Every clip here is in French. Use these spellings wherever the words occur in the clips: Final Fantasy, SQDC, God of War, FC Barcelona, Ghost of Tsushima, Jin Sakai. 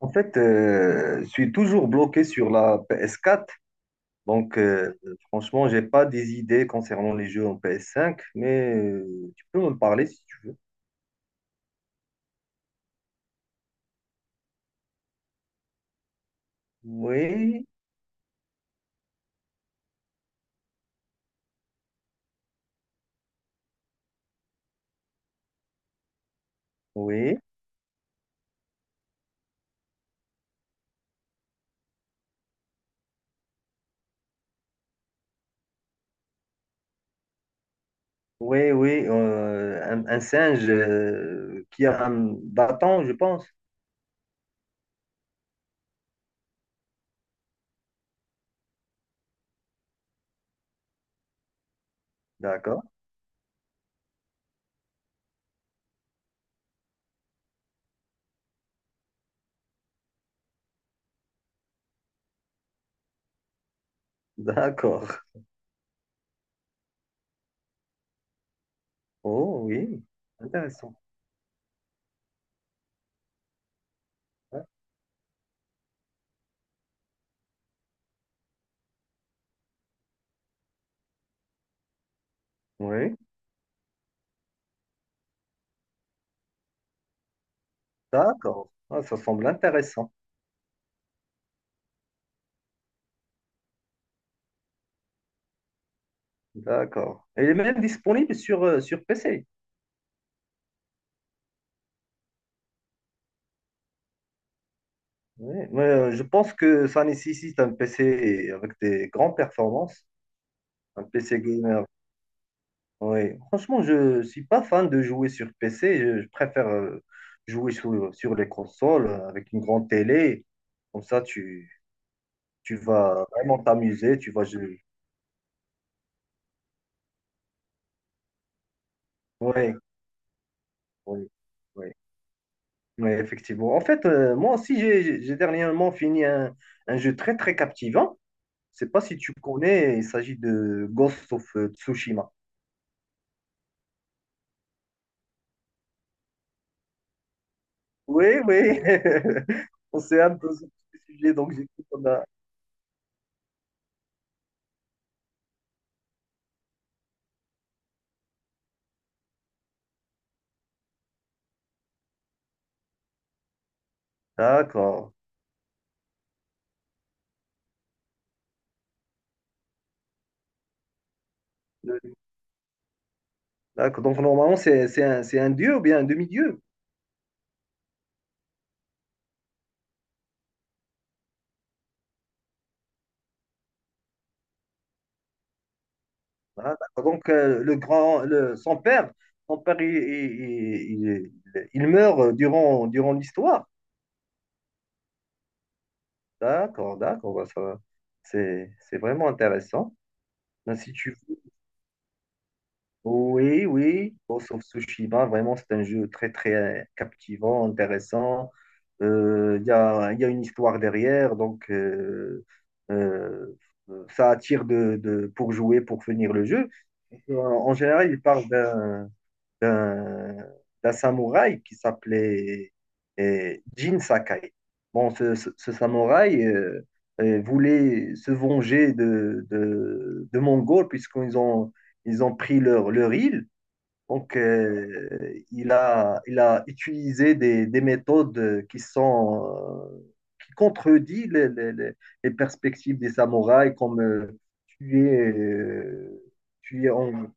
En fait, je suis toujours bloqué sur la PS4. Donc, franchement, j'ai pas des idées concernant les jeux en PS5, mais tu peux me parler si tu veux. Oui, oui, oui, oui. Un singe qui a un bâton, je pense. D'accord. D'accord. Oh, oui, intéressant. Oui, d'accord. Ah, ça semble intéressant. D'accord. Et il est même disponible sur PC. Ouais, ouais, je pense que ça nécessite un PC avec des grandes performances, un PC gamer. Ouais. Franchement, je ne suis pas fan de jouer sur PC. Je préfère jouer sur les consoles, avec une grande télé. Comme ça, tu vas vraiment t'amuser. Tu vas jouer. Oui, oui, oui, ouais, effectivement. En fait, moi aussi, j'ai dernièrement fini un jeu très, très captivant. Je ne sais pas si tu connais, il s'agit de Ghost of Tsushima. Oui, oui. On s'est hâte de ce sujet, donc j'écoute. D'accord. Le- D'accord. Donc normalement, c'est un dieu ou bien un demi-dieu. Voilà, d'accord. Donc le grand, le, son père, il meurt durant l'histoire. D'accord, d'accord. Bah, ça va. C'est vraiment intéressant. Ben, si tu veux. Oui, oui, Ghost of Tsushima, vraiment, c'est un jeu très, très captivant, intéressant. Il y a une histoire derrière, donc euh, ça attire pour jouer, pour finir le jeu. En en général, il parle d'un d'un samouraï qui s'appelait Jin Sakai. Bon, ce samouraï voulait se venger de Mongols puisqu'ils ont pris leur île. Donc, il a utilisé des méthodes euh, qui contredisent les perspectives des samouraïs, comme tuer, euh, tuer en,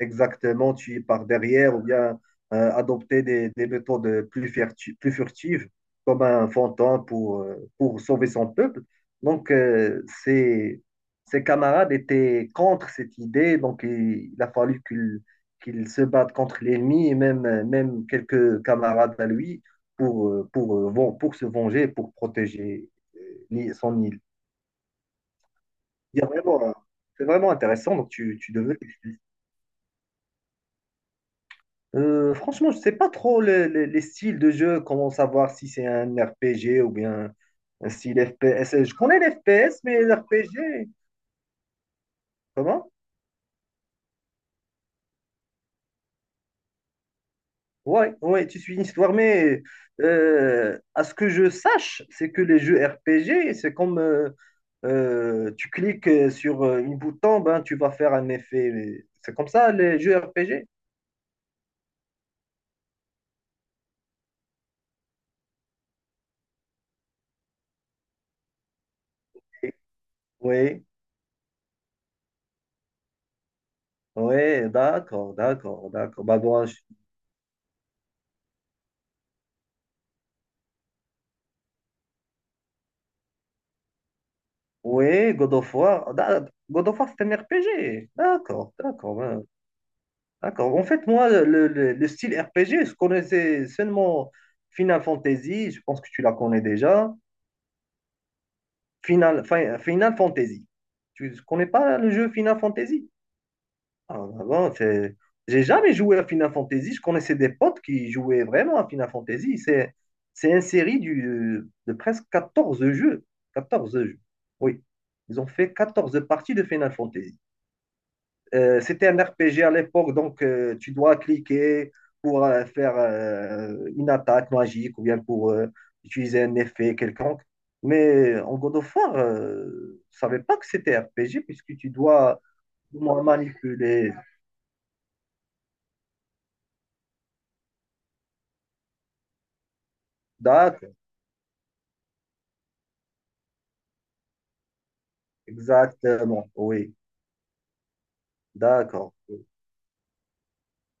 exactement tuer par derrière ou bien adopter des méthodes plus furtives comme un fantin pour sauver son peuple. Donc, ses camarades étaient contre cette idée, donc il a fallu qu'il se batte contre l'ennemi et même quelques camarades à lui pour se venger, pour protéger euh, son île. Il y a vraiment, c'est vraiment intéressant, donc tu devais. Franchement, je sais pas trop les styles de jeu, comment savoir si c'est un RPG ou bien un style FPS. Je connais les FPS, mais les RPG, comment? Ouais, ouais, tu suis une histoire, mais à ce que je sache, c'est que les jeux RPG, c'est comme tu cliques sur une bouton, ben, tu vas faire un effet. Mais c'est comme ça, les jeux RPG? Oui, oui, ouais, d'accord, d'accord, d'accord. Bah, bon. Oui, God of War. God of War, c'est un RPG. D'accord, d'accord, ouais, d'accord. En fait, moi, le style RPG, je connaissais seulement Final Fantasy. Je pense que tu la connais déjà. Final Fantasy. Tu ne connais pas le jeu Final Fantasy? Ah, bah, bon, c'est. J'ai jamais joué à Final Fantasy. Je connaissais des potes qui jouaient vraiment à Final Fantasy. C'est une série de presque 14 jeux. 14 jeux. Oui. Ils ont fait 14 parties de Final Fantasy. C'était un RPG à l'époque, donc tu dois cliquer pour faire une attaque magique ou bien pour utiliser un effet quelconque. Mais en God of War, je savais pas que c'était RPG puisque tu dois moi, manipuler. D'accord, exactement, oui, d'accord.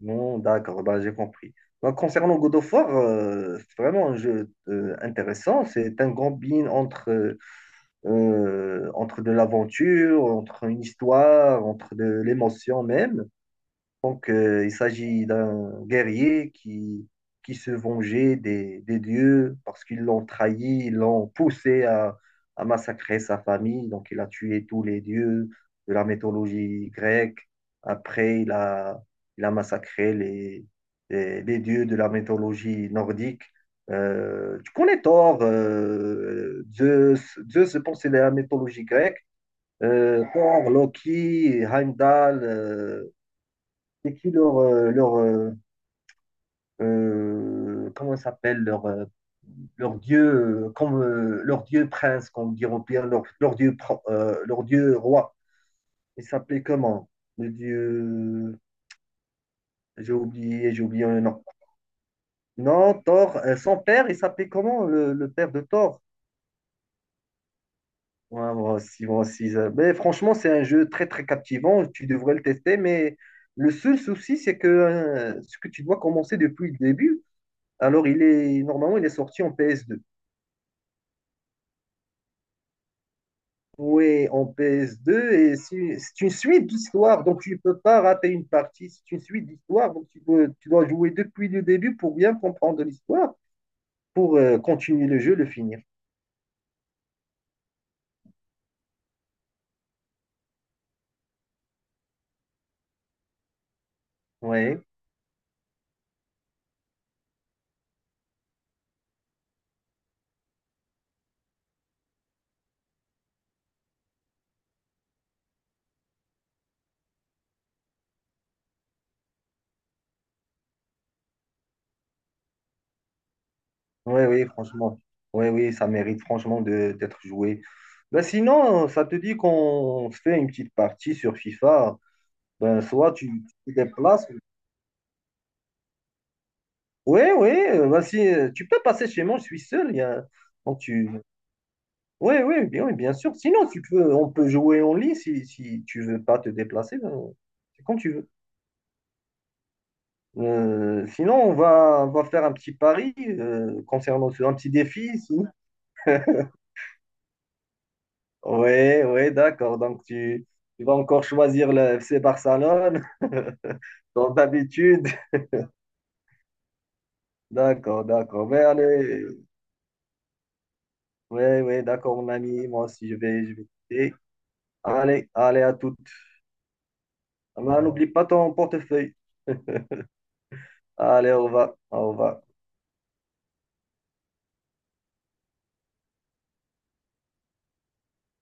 Non, d'accord, ben, j'ai compris. Ben, concernant God of War, c'est vraiment un jeu intéressant. C'est un combine entre de l'aventure, entre une histoire, entre de l'émotion même. Donc, il s'agit d'un guerrier qui se vengeait des dieux parce qu'ils l'ont trahi, ils l'ont poussé à massacrer sa famille. Donc, il a tué tous les dieux de la mythologie grecque. Après, il a massacré les dieux de la mythologie nordique. Tu connais Thor, Zeus, je pense, c'est de la mythologie grecque. Thor, Loki, Heimdall. C'est qui leur, comment ça s'appelle leur, leur dieu, comme leur dieu prince, comme diront Pierre, leur dieu roi, il s'appelait comment, le dieu. J'ai oublié, j'ai oublié le nom. Non, Thor, son père, il s'appelait comment, le père de Thor? Ouais, moi aussi, moi aussi mais franchement c'est un jeu très très captivant, tu devrais le tester, mais le seul souci c'est que ce que tu dois commencer depuis le début. Alors, il est, normalement, il est sorti en PS2. Oui, en PS2, et c'est une suite d'histoire, donc tu ne peux pas rater une partie. C'est une suite d'histoire, donc tu dois jouer depuis le début pour bien comprendre l'histoire, pour continuer le jeu, le finir. Oui, oui, oui, franchement. Oui, oui, ça mérite franchement d'être joué. Ben, sinon, ça te dit qu'on se fait une petite partie sur FIFA. Ben, soit tu te déplaces. Oui, oui, ben, si, tu peux passer chez moi, je suis seul. Donc tu. Oui, oui, bien sûr. Sinon, on peut jouer en ligne si tu veux pas te déplacer. Ben. C'est quand tu veux. Sinon, on va faire un petit pari un petit défi. Si. Oui, oui, d'accord. Donc, tu vas encore choisir le FC Barcelone, comme d'habitude. D'accord, d'accord. Mais allez, oui, oui, d'accord, mon ami. Moi aussi, je vais quitter. Allez, allez, à toutes. Ah, ben, n'oublie pas ton portefeuille. Allez, au revoir. Au revoir.